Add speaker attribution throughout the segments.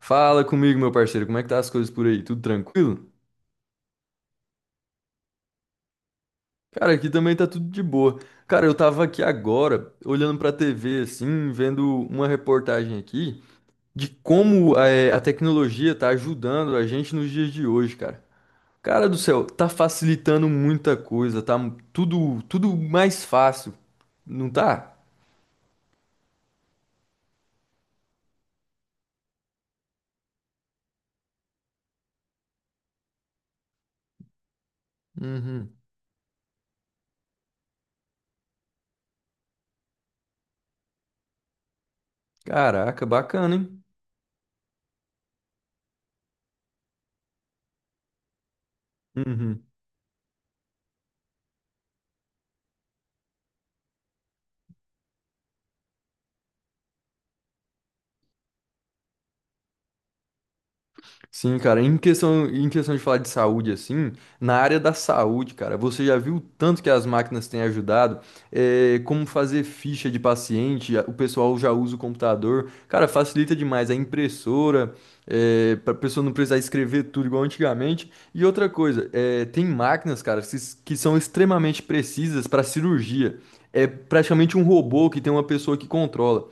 Speaker 1: Fala comigo, meu parceiro, como é que tá as coisas por aí? Tudo tranquilo? Cara, aqui também tá tudo de boa. Cara, eu tava aqui agora, olhando pra TV, assim, vendo uma reportagem aqui de como a tecnologia tá ajudando a gente nos dias de hoje, cara. Cara do céu, tá facilitando muita coisa, tá tudo mais fácil, não tá? Uhum. Caraca, bacana, hein? Uhum. Sim, cara, em questão de falar de saúde, assim, na área da saúde, cara, você já viu o tanto que as máquinas têm ajudado? É, como fazer ficha de paciente, o pessoal já usa o computador. Cara, facilita demais a impressora, é, para pessoa não precisar escrever tudo igual antigamente. E outra coisa, é, tem máquinas, cara, que são extremamente precisas para cirurgia. É praticamente um robô que tem uma pessoa que controla.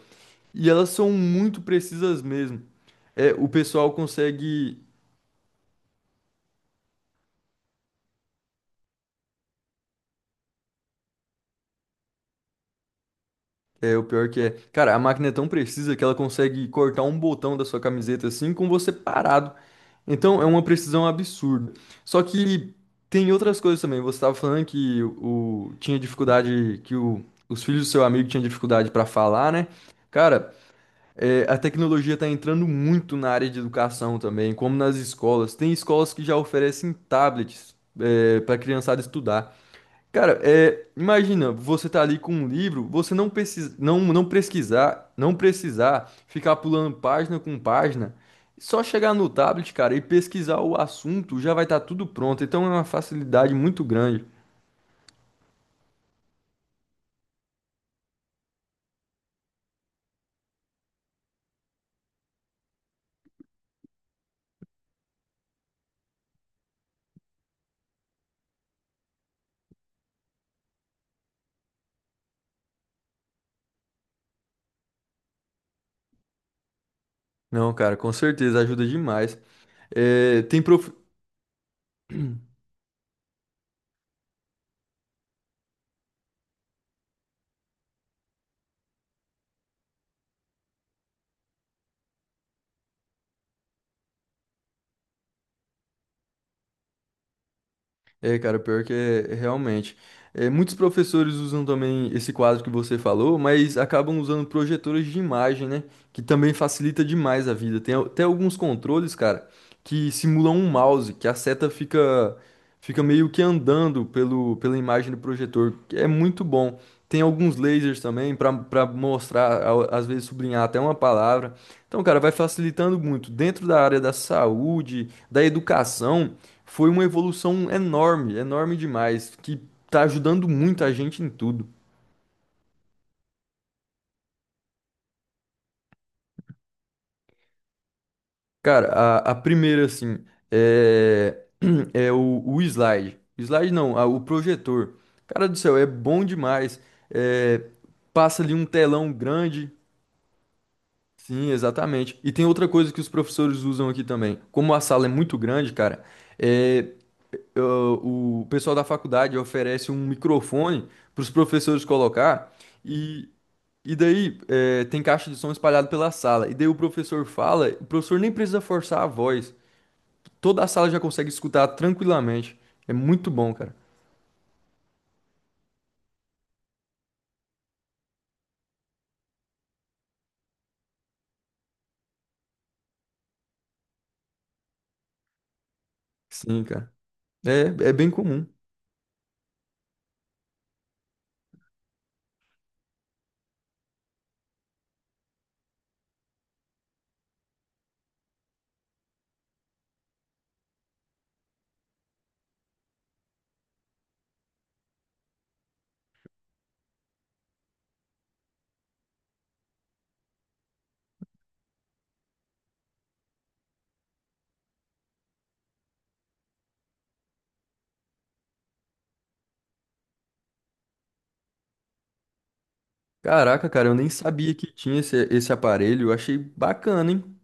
Speaker 1: E elas são muito precisas mesmo. É, o pessoal consegue. É, o pior que é. Cara, a máquina é tão precisa que ela consegue cortar um botão da sua camiseta assim com você parado. Então é uma precisão absurda. Só que tem outras coisas também. Você estava falando que o, tinha dificuldade, que o, os filhos do seu amigo tinham dificuldade para falar, né? Cara, é, a tecnologia está entrando muito na área de educação também, como nas escolas. Tem escolas que já oferecem tablets, para a criançada estudar. Cara, é, imagina, você tá ali com um livro, você não precisa, não pesquisar, não precisar ficar pulando página com página, só chegar no tablet, cara, e pesquisar o assunto, já vai estar tudo pronto. Então é uma facilidade muito grande. Não, cara, com certeza ajuda demais. É, tem prof... É, cara, pior que é, é realmente. É, muitos professores usam também esse quadro que você falou, mas acabam usando projetores de imagem, né? Que também facilita demais a vida. Tem até alguns controles, cara, que simulam um mouse, que a seta fica, fica meio que andando pela imagem do projetor. Que É muito bom. Tem alguns lasers também para mostrar, às vezes sublinhar até uma palavra. Então, cara, vai facilitando muito. Dentro da área da saúde, da educação. Foi uma evolução enorme demais, que tá ajudando muito a gente em tudo. Cara, a primeira, assim, é, o slide. Slide não, a- O projetor. Cara do céu, é bom demais. É, passa ali um telão grande. Sim, exatamente. E tem outra coisa que os professores usam aqui também. Como a sala é muito grande, cara, é, eu- o pessoal da faculdade oferece um microfone para os professores colocar e, e daí é, tem caixa de som espalhado pela sala. E daí o professor fala, o professor nem precisa forçar a voz. Toda a sala já consegue escutar tranquilamente. É muito bom, cara. Sim, cara. É, é bem comum. Caraca, cara, eu nem sabia que tinha esse aparelho. Eu achei bacana, hein?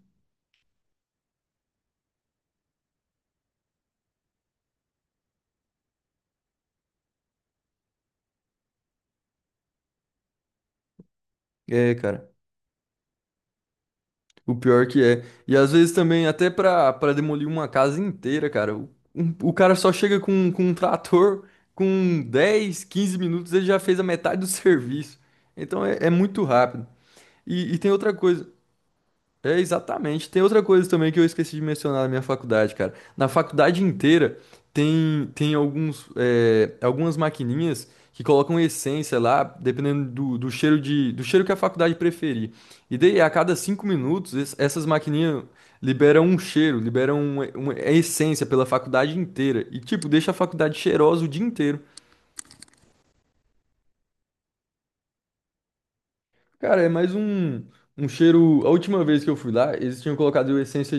Speaker 1: É, cara. O pior que é. E às vezes também, até pra demolir uma casa inteira, cara, o cara só chega com um trator, com 10 15 minutos ele já fez a metade do serviço. Então é, é muito rápido. E tem outra coisa, é, exatamente. Tem outra coisa também que eu esqueci de mencionar na minha faculdade, cara. Na faculdade inteira tem alguns, é, algumas maquininhas que colocam essência lá, dependendo do cheiro do cheiro que a faculdade preferir. E daí, a cada 5 minutos, essas maquininhas liberam um cheiro, liberam uma essência pela faculdade inteira. E, tipo, deixa a faculdade cheirosa o dia inteiro. Cara, é mais um cheiro. A última vez que eu fui lá, eles tinham colocado essência.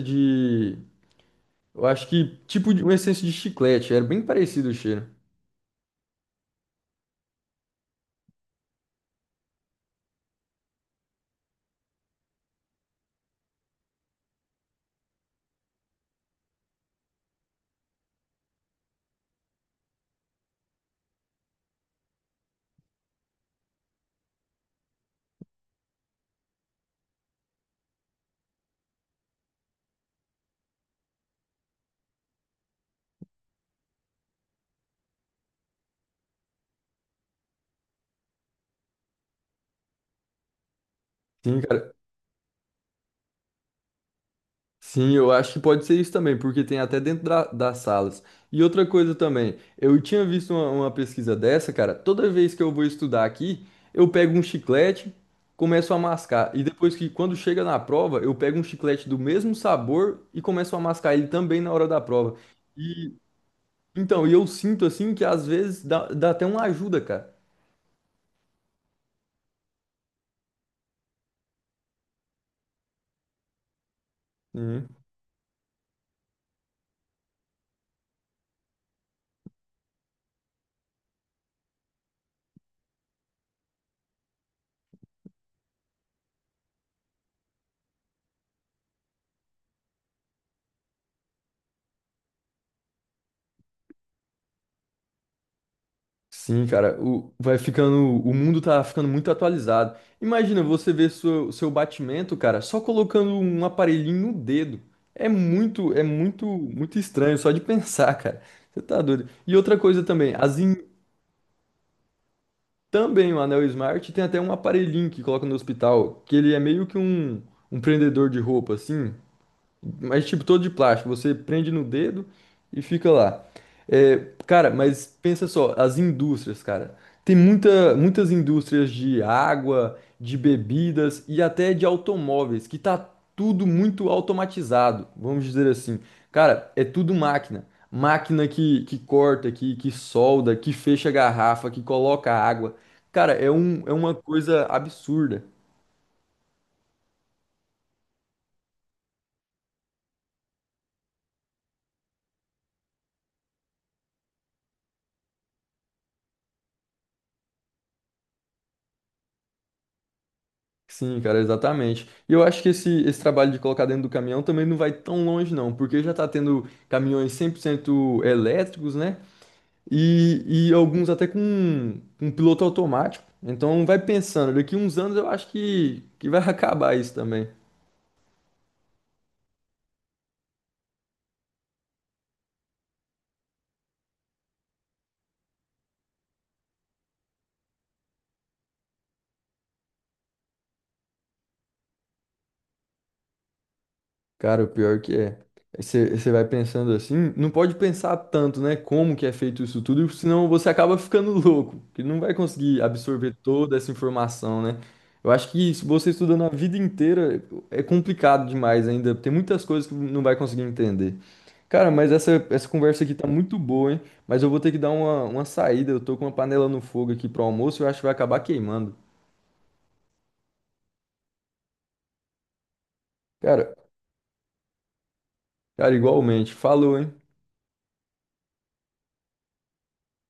Speaker 1: Eu acho que, tipo, de- Uma essência de chiclete, era bem parecido o cheiro. Sim, cara. Sim, eu acho que pode ser isso também, porque tem até dentro das salas. E outra coisa também, eu tinha visto uma pesquisa dessa, cara. Toda vez que eu vou estudar aqui, eu pego um chiclete, começo a mascar. E quando chega na prova, eu pego um chiclete do mesmo sabor e começo a mascar ele também na hora da prova. E, eu sinto, assim, que às vezes dá até uma ajuda, cara. Uhum. Sim, cara, o, vai ficando, o mundo tá ficando muito atualizado. Imagina você ver seu batimento, cara, só colocando um aparelhinho no dedo. Muito estranho só de pensar, cara. Você tá doido. E outra coisa também, também o Anel Smart tem até um aparelhinho que coloca no hospital, que ele é meio que um prendedor de roupa, assim. Mas, tipo, todo de plástico. Você prende no dedo e fica lá. É, cara, mas pensa só, as indústrias, cara. Tem muitas indústrias de água, de bebidas e até de automóveis, que tá tudo muito automatizado, vamos dizer assim. Cara, é tudo máquina. Máquina que corta, que solda, que fecha a garrafa, que coloca água. Cara, é uma coisa absurda. Sim, cara, exatamente. E eu acho que esse trabalho de colocar dentro do caminhão também não vai tão longe, não, porque já tá tendo caminhões 100% elétricos, né? E alguns até com um piloto automático. Então vai pensando, daqui uns anos eu acho que vai acabar isso também. Cara, o pior que é. Aí você vai pensando assim, não pode pensar tanto, né? Como que é feito isso tudo, senão você acaba ficando louco, que não vai conseguir absorver toda essa informação, né? Eu acho que se você estudando a vida inteira, é complicado demais ainda. Tem muitas coisas que não vai conseguir entender. Cara, mas essa conversa aqui tá muito boa, hein? Mas eu vou ter que dar uma saída. Eu tô com uma panela no fogo aqui pro almoço, e eu acho que vai acabar queimando. Cara, Cara, igualmente. Falou, hein?